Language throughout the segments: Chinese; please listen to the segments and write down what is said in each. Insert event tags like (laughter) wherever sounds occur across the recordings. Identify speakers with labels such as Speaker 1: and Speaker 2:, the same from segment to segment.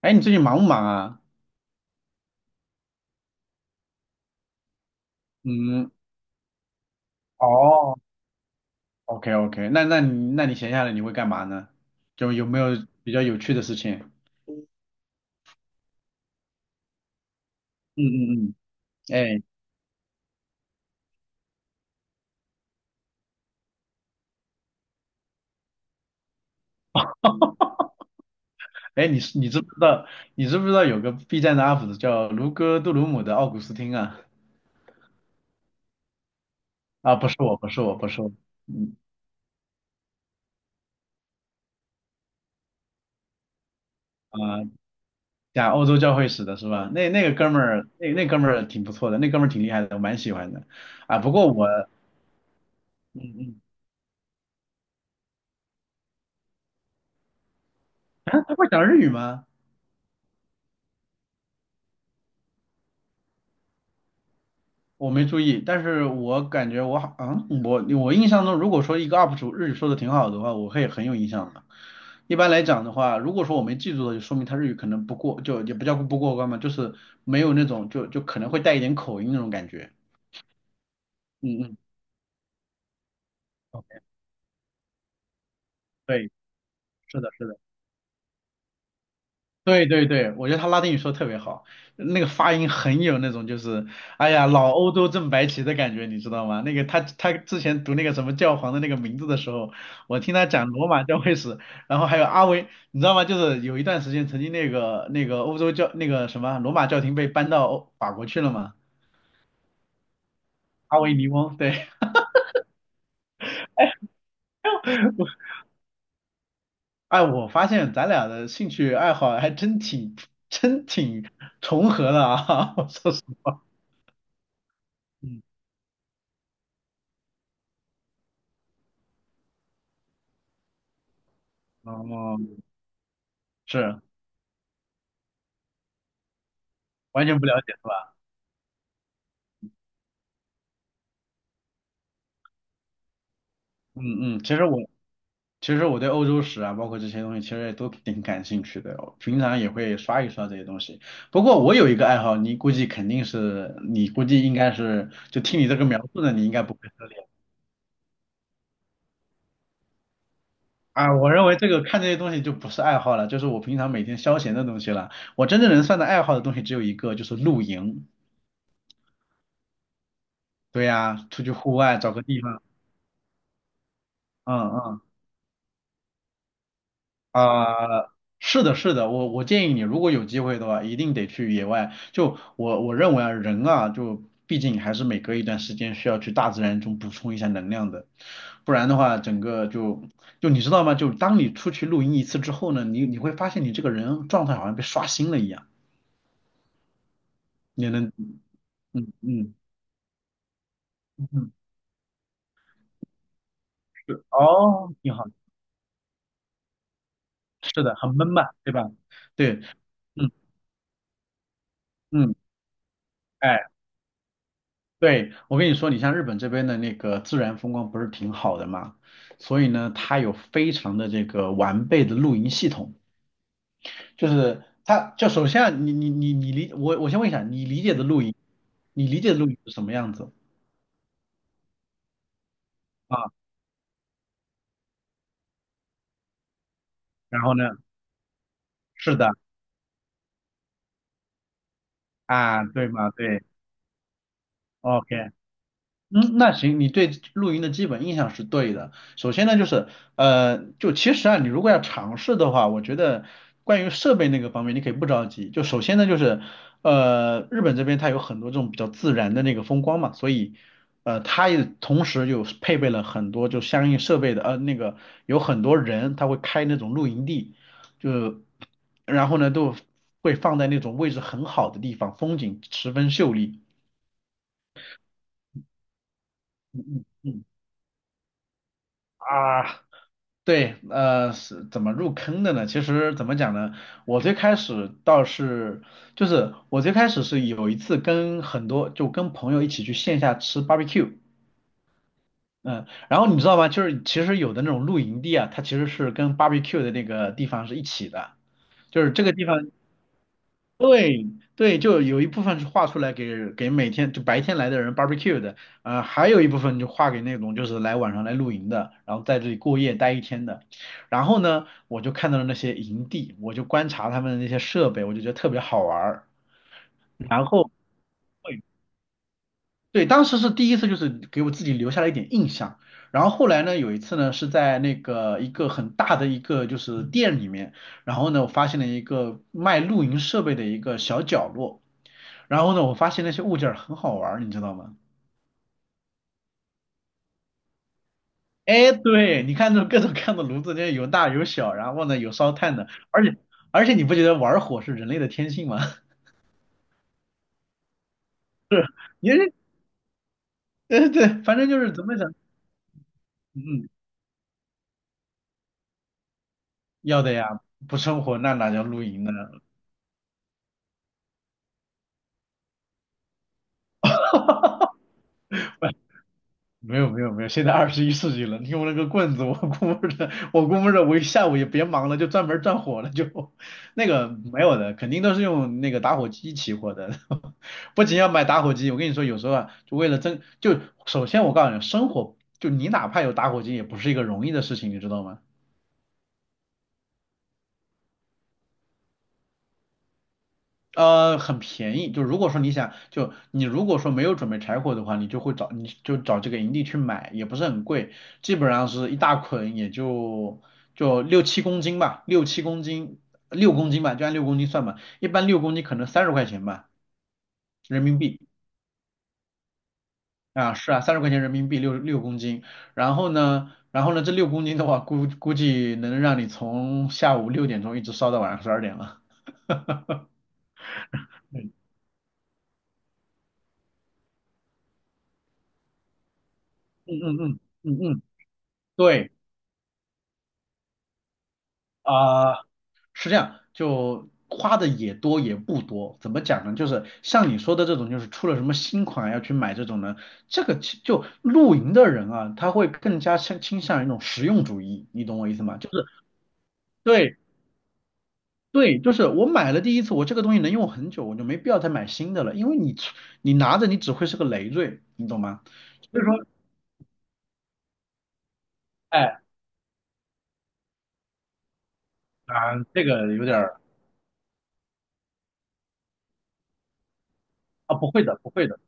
Speaker 1: 哎，你最近忙不忙啊？嗯。哦，OK OK，那你闲下来你会干嘛呢？就有没有比较有趣的事情？嗯嗯嗯。哎,你知不知道有个 B 站的 UP 主叫卢哥杜鲁姆的奥古斯汀啊？啊，不是我，不是我，不是我。嗯。啊，讲欧洲教会史的是吧？那那个哥们儿，那哥们儿挺不错的，那哥们儿挺厉害的，我蛮喜欢的啊。不过我，嗯嗯。(laughs) 啊，他会讲日语吗？我没注意，但是我感觉我好，我印象中，如果说一个 UP 主日语说的挺好的话，我会很有印象的。一般来讲的话，如果说我没记住的，就说明他日语可能不过，就也不叫不过关嘛，就是没有那种就可能会带一点口音那种感觉。嗯嗯。对，是的，是的。对对对，我觉得他拉丁语说的特别好，那个发音很有那种就是，哎呀，老欧洲正白旗的感觉，你知道吗？那个他之前读那个什么教皇的那个名字的时候，我听他讲罗马教会史，然后还有阿维，你知道吗？就是有一段时间曾经那个欧洲教那个什么罗马教廷被搬到欧法国去了嘛。阿维尼翁，对。哎，我发现咱俩的兴趣爱好还真挺真挺重合的啊。(laughs) 我说实话，嗯。哦，是完全不了解。是吧？嗯嗯。其实我对欧洲史啊，包括这些东西，其实也都挺感兴趣的哦，平常也会刷一刷这些东西。不过我有一个爱好，你估计肯定是，你估计应该是，就听你这个描述呢，你应该不会是脸啊。我认为这个看这些东西就不是爱好了，就是我平常每天消闲的东西了。我真正能算的爱好的东西只有一个，就是露营。对呀，出去户外找个地方，嗯嗯。啊，是的，是的，我建议你，如果有机会的话，一定得去野外。就我认为啊，人啊，就毕竟还是每隔一段时间需要去大自然中补充一下能量的，不然的话，整个就你知道吗？就当你出去露营一次之后呢，你会发现你这个人状态好像被刷新了一样，你能，嗯嗯嗯。是哦，挺好。是的，很闷嘛，对吧？对。嗯嗯。哎。对，我跟你说，你像日本这边的那个自然风光不是挺好的嘛，所以呢，它有非常的这个完备的露营系统，就是它就首先啊你理,我先问一下，你理解的露营，你理解的露营是什么样子啊？然后呢，是的。啊，对嘛，对，OK。嗯，那行，你对露营的基本印象是对的。首先呢，就是，就其实啊，你如果要尝试的话，我觉得关于设备那个方面，你可以不着急。就首先呢，就是，日本这边它有很多这种比较自然的那个风光嘛，所以，它也同时有配备了很多就相应设备的，那个有很多人他会开那种露营地，就，然后呢，都会放在那种位置很好的地方，风景十分秀丽。嗯嗯。啊，对，是怎么入坑的呢？其实怎么讲呢？我最开始倒是，就是我最开始是有一次跟很多，就跟朋友一起去线下吃 barbecue。嗯，然后你知道吗？就是其实有的那种露营地啊，它其实是跟 barbecue 的那个地方是一起的，就是这个地方。对。对，就有一部分是画出来给给每天就白天来的人 barbecue 的，还有一部分就画给那种就是来晚上来露营的，然后在这里过夜待一天的。然后呢，我就看到了那些营地，我就观察他们的那些设备，我就觉得特别好玩儿。然后对，当时是第一次，就是给我自己留下了一点印象。然后后来呢，有一次呢是在那个一个很大的一个就是店里面，然后呢我发现了一个卖露营设备的一个小角落。然后呢，我发现那些物件儿很好玩儿，你知道吗？哎，对，你看这各种各样的炉子，这有大有小，然后呢有烧炭的，而且你不觉得玩火是人类的天性吗？(laughs) 是，你是，对对，反正就是怎么讲，嗯。嗯，要的呀，不生火那哪叫露营呢？没有没有没有，现在二十一世纪了，你用那个棍子，我估摸着我一下午也别忙了，就专门转火了，就那个没有的，肯定都是用那个打火机起火的。(laughs) 不仅要买打火机，我跟你说，有时候啊，就为了争，就首先我告诉你，生火就你哪怕有打火机，也不是一个容易的事情，你知道吗？很便宜。就如果说你想，就你如果说没有准备柴火的话，你就会找，你就找这个营地去买，也不是很贵，基本上是一大捆，也就就六七公斤吧，六七公斤，六公斤吧，就按六公斤算吧。一般六公斤可能三十块钱吧，人民币。啊，是啊，三十块钱人民币六公斤。然后呢，然后呢，这六公斤的话，估计能让你从下午六点钟一直烧到晚上十二点了。嗯嗯嗯嗯嗯嗯。对。啊、是这样，就花的也多也不多，怎么讲呢？就是像你说的这种，就是出了什么新款要去买这种呢，这个其就露营的人啊，他会更加倾向于一种实用主义，你懂我意思吗？就是对对，就是我买了第一次，我这个东西能用很久，我就没必要再买新的了，因为你拿着你只会是个累赘，你懂吗？所以说，哎啊、这个有点儿啊，不会的，不会的。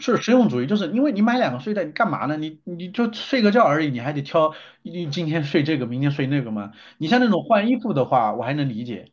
Speaker 1: 是实用主义，就是因为你买两个睡袋，你干嘛呢？你就睡个觉而已，你还得挑，你今天睡这个，明天睡那个吗？你像那种换衣服的话，我还能理解，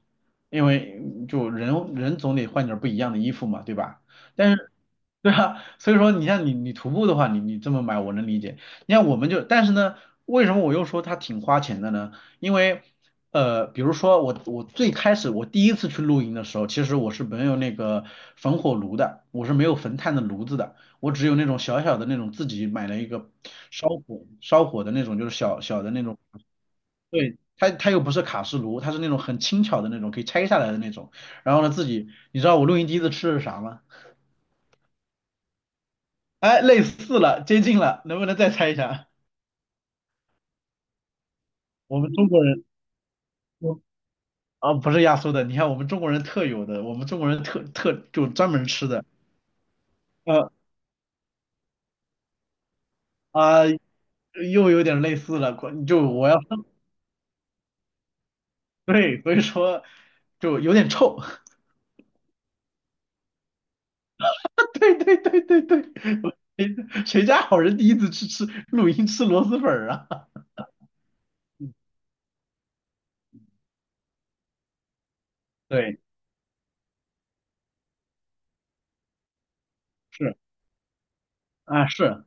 Speaker 1: 因为嗯就人人总得换点儿不一样的衣服嘛，对吧？但是，(laughs) 对啊，所以说你像你徒步的话，你这么买我能理解。你看我们就，但是呢，为什么我又说它挺花钱的呢？因为比如说我最开始我第一次去露营的时候，其实我是没有那个焚火炉的，我是没有焚炭的炉子的。我只有那种小小的那种自己买了一个烧火的那种，就是小小的那种。对，它又不是卡式炉，它是那种很轻巧的那种，可以拆下来的那种。然后呢，自己你知道我录音机子吃的是啥吗？哎，类似了，接近了，能不能再猜一下？我们中国人，我啊、不是压缩的，你看我们中国人特有的，我们中国人特就专门吃的，呃啊、又有点类似了，就我要 (laughs) 对，所以说就有点臭。(laughs) 对对对对对。我，谁，谁家好人第一次去吃露营吃螺蛳粉儿啊？(laughs) 对，是啊，是，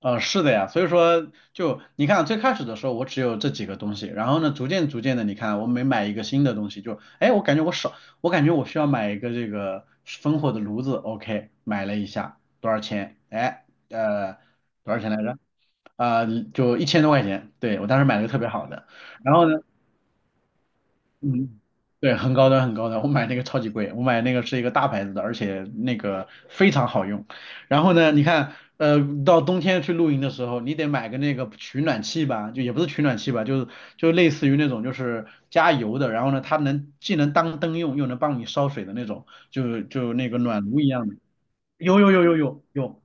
Speaker 1: 呃，是的呀，所以说就你看最开始的时候我只有这几个东西，然后呢逐渐的你看我每买一个新的东西就哎我感觉我少我感觉我需要买一个这个烽火的炉子，OK 买了一下多少钱？哎，呃多少钱来着？啊、就一千多块钱，对我当时买了个特别好的，然后呢。嗯，对，很高端，很高端。我买那个超级贵，我买那个是一个大牌子的，而且那个非常好用。然后呢，你看，到冬天去露营的时候，你得买个那个取暖器吧，就也不是取暖器吧，就是就类似于那种就是加油的，然后呢，它能既能当灯用，又能帮你烧水的那种，就那个暖炉一样的。有有有有有有，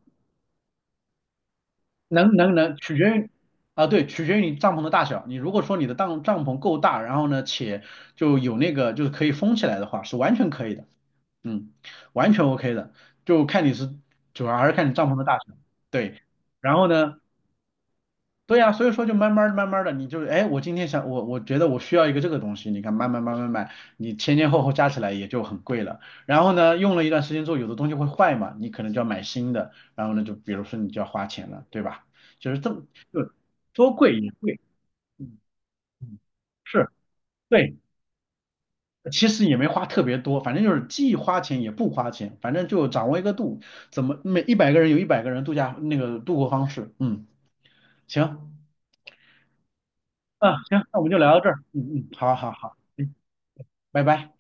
Speaker 1: 能能能，取决于啊，对，取决于你帐篷的大小。你如果说你的帐篷够大，然后呢，且就有那个就是可以封起来的话，是完全可以的，嗯，完全 OK 的，就看你是主要还是看你帐篷的大小。对。然后呢，对呀，所以说就慢慢儿慢慢的，你就哎，我今天想我觉得我需要一个这个东西，你看慢慢买，你前前后后加起来也就很贵了。然后呢，用了一段时间之后，有的东西会坏嘛，你可能就要买新的，然后呢，就比如说你就要花钱了，对吧？就是这么就多贵也贵。嗯嗯，是对，其实也没花特别多，反正就是既花钱也不花钱，反正就掌握一个度，怎么每一百个人有一百个人度假那个度过方式，嗯，行。嗯，行，那我们就聊到这儿。嗯嗯，好好好，嗯，拜拜。